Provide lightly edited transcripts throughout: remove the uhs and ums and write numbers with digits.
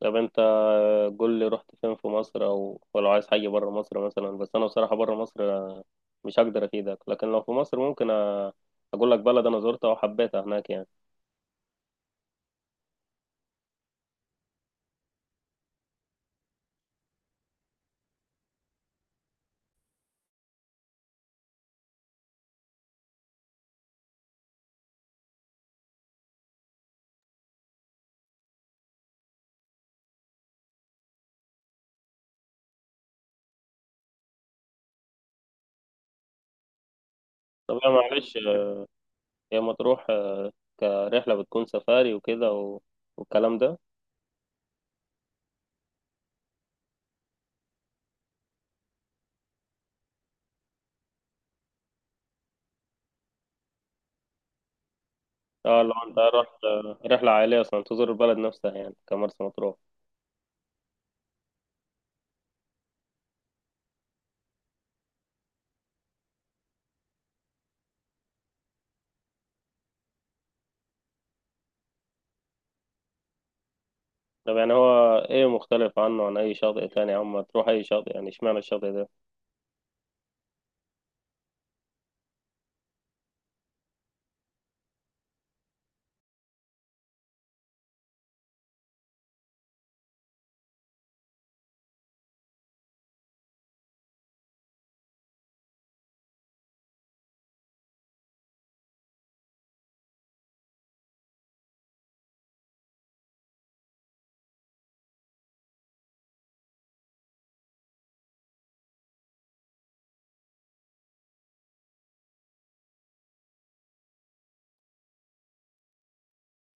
طب انت قول لي رحت فين في مصر، او ولو عايز حاجه بره مصر مثلا. بس انا بصراحه بره مصر مش هقدر افيدك، لكن لو في مصر ممكن اقول لك بلد انا زرتها وحبيتها هناك يعني. طب يا معلش، هي مطروح كرحله بتكون سفاري وكده والكلام ده. اه لو انت رحت رحله عائليه اصلا تزور البلد نفسها، يعني كمرسى مطروح. طب يعني هو ايه مختلف عنه، عن اي شاطئ تاني يا عم؟ تروح اي شاطئ يعني، اشمعنى الشاطئ ده؟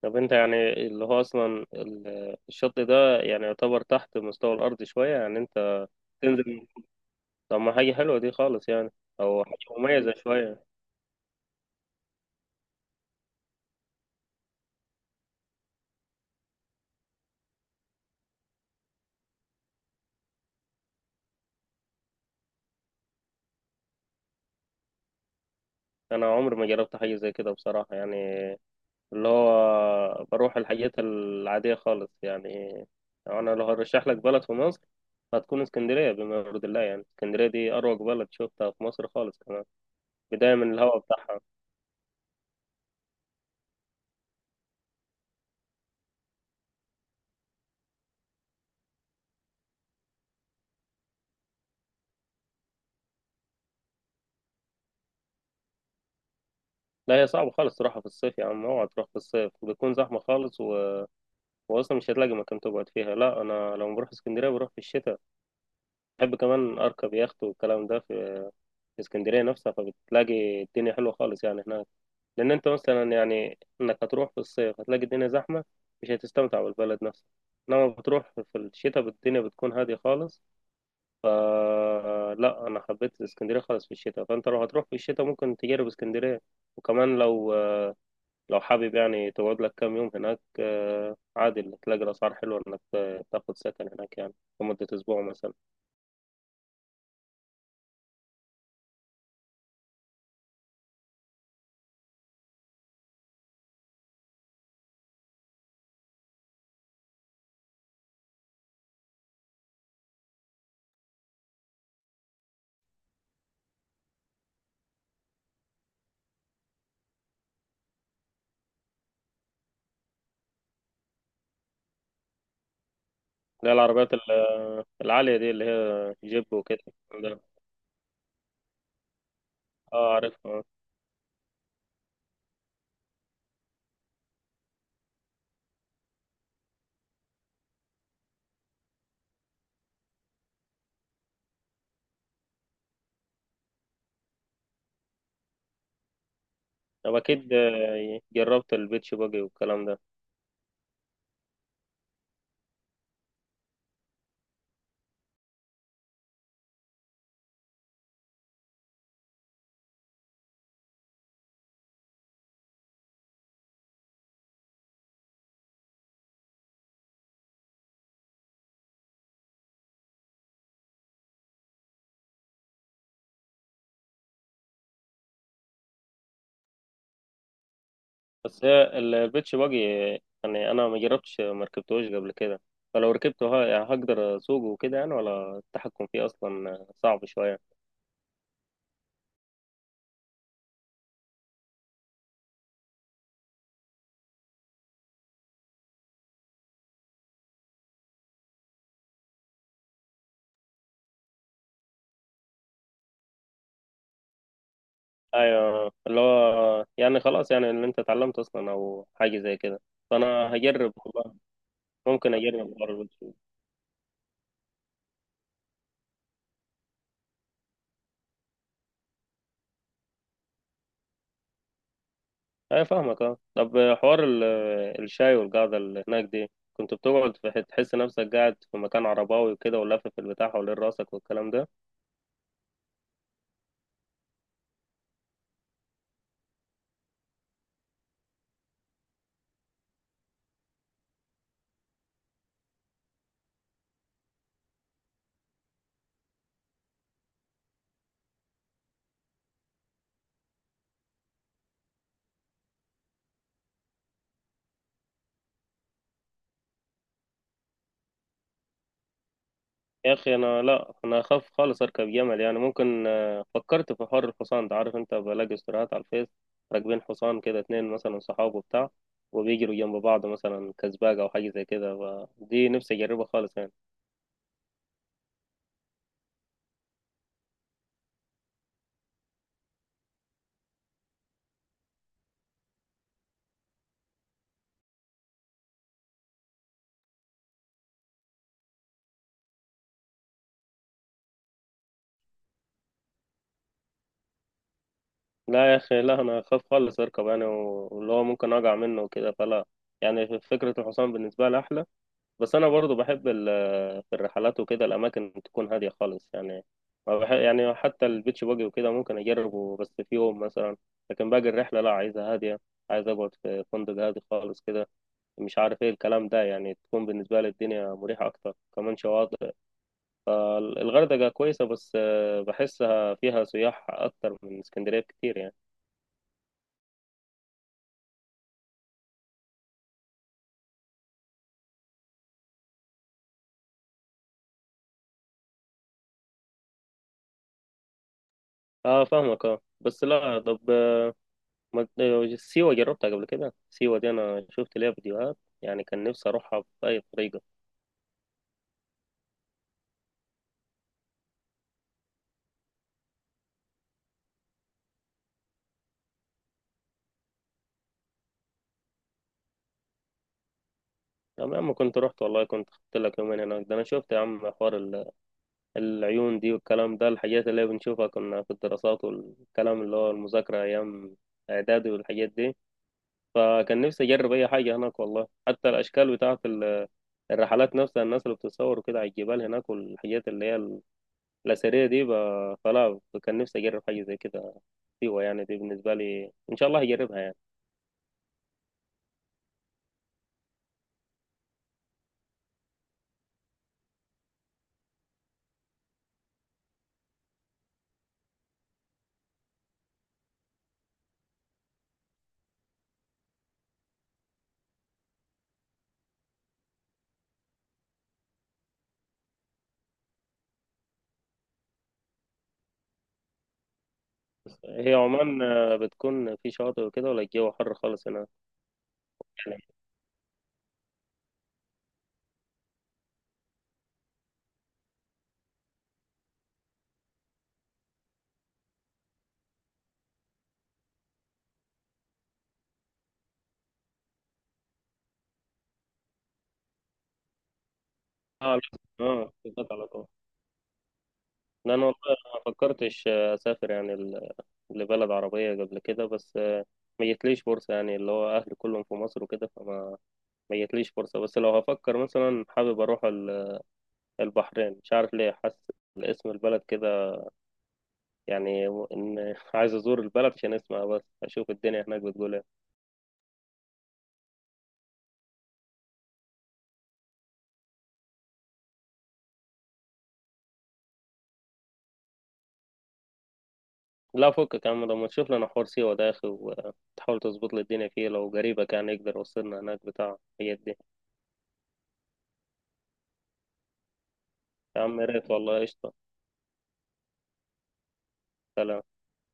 طب انت يعني اللي هو اصلا الشط ده يعني يعتبر تحت مستوى الارض شويه يعني، انت تنزل. طب ما حاجه حلوه دي خالص يعني، او حاجه مميزه شويه. انا عمري ما جربت حاجه زي كده بصراحه يعني، اللي هو بروح الحاجات العاديه خالص يعني. انا لو هرشح لك بلد في مصر هتكون اسكندريه، بما يرضي الله. يعني اسكندريه دي اروق بلد شفتها في مصر خالص، كمان بدايه من الهواء بتاعها. لا هي صعبه خالص تروحها في الصيف يا عم، اوعى تروح في الصيف، بتكون زحمه خالص. هو اصلا مش هتلاقي مكان تقعد فيها. لا انا لما بروح اسكندريه بروح في الشتاء. بحب كمان اركب يخت والكلام ده في في اسكندريه نفسها، فبتلاقي الدنيا حلوه خالص يعني هناك. لان انت مثلا يعني انك هتروح في الصيف هتلاقي الدنيا زحمه، مش هتستمتع بالبلد نفسها. انما بتروح في الشتاء الدنيا بتكون هاديه خالص. ف لا انا حبيت اسكندريه خالص في الشتاء، فانت لو هتروح في الشتاء ممكن تجرب اسكندريه. وكمان لو حابب يعني تقعد لك كام يوم هناك عادي اللي تلاقي الأسعار حلوة إنك تاخد سكن هناك يعني لمدة أسبوع مثلا. لا العربيات العالية دي اللي هي جيب وكده. ده. اه عارفها. طب أكيد جربت البيتش باجي والكلام ده. بس هي البيتش باجي يعني أنا ما جربتش، ما ركبتهوش قبل كده، فلو ركبته يعني هقدر أسوقه وكده يعني، ولا التحكم فيه أصلا صعب شوية؟ ايوه اللي هو يعني خلاص، يعني اللي انت اتعلمته اصلا او حاجه زي كده. فانا هجرب والله، ممكن اجرب حوار الويب. ايوه فاهمك اه. طب حوار الشاي والقعده اللي هناك دي، كنت بتقعد تحس نفسك قاعد في مكان عرباوي وكده، ولافف البتاع حوالين راسك والكلام ده. يا اخي انا لا، انا اخاف خالص اركب جمل يعني. ممكن فكرت في حوار الحصان ده، عارف انت بلاقي استوريات على الفيس راكبين حصان كده اتنين مثلا صحاب وبتاع، وبيجروا جنب بعض مثلا كسباق او حاجه زي كده، دي نفسي اجربها خالص يعني. لا يا اخي، لا انا اخاف خالص اركب يعني، واللي هو ممكن اقع منه وكده، فلا. يعني فكره الحصان بالنسبه لي احلى. بس انا برضو بحب في الرحلات وكده الأماكن تكون هادية خالص يعني. ما بح- يعني حتى البيتش باجي وكده ممكن أجربه بس في يوم مثلا، لكن باقي الرحلة لا، عايزة هادية. عايز أقعد في فندق هادي خالص كده، مش عارف إيه الكلام ده، يعني تكون بالنسبة لي الدنيا مريحة أكتر. كمان شواطئ الغردقة كويسة، بس بحسها فيها سياح أكتر من اسكندرية كتير يعني. اه فاهمك اه، بس لا. طب سيوة جربتها قبل كده؟ سيوة دي أنا شفت ليها فيديوهات، يعني كان نفسي أروحها بأي طريقة. طب يا عم كنت رحت والله، كنت خدت لك يومين هناك. ده انا شفت يا عم حوار العيون دي والكلام ده، الحاجات اللي بنشوفها كنا في الدراسات والكلام، اللي هو المذاكرة ايام اعدادي والحاجات دي. فكان نفسي اجرب اي حاجة هناك والله، حتى الاشكال بتاعة الرحلات نفسها، الناس اللي بتصور كده على الجبال هناك، والحاجات اللي هي الاثرية دي. فلا، كان نفسي اجرب حاجة زي كده. سيوة يعني دي بالنسبة لي ان شاء الله هجربها يعني. هي عمان بتكون في شاطئ وكده، ولا الجو حر خالص هناك؟ اه لا. اه بالظبط على طول. لا انا والله ما فكرتش اسافر يعني لبلد عربيه قبل كده، بس ما جتليش فرصه يعني، اللي هو اهلي كلهم في مصر وكده، ما جتليش فرصه. بس لو هفكر مثلا حابب اروح البحرين، مش عارف ليه حاسس اسم البلد كده يعني، ان عايز ازور البلد عشان اسمها بس، اشوف الدنيا هناك بتقول ايه. لا فكك يا عم، لما تشوف لنا حوار سيوه ده يا اخي، وتحاول تظبط لي الدنيا فيه لو قريبك يعني يقدر يوصلنا هناك بتاع. هي دي. يا عم يا ريت والله، قشطه. سلام.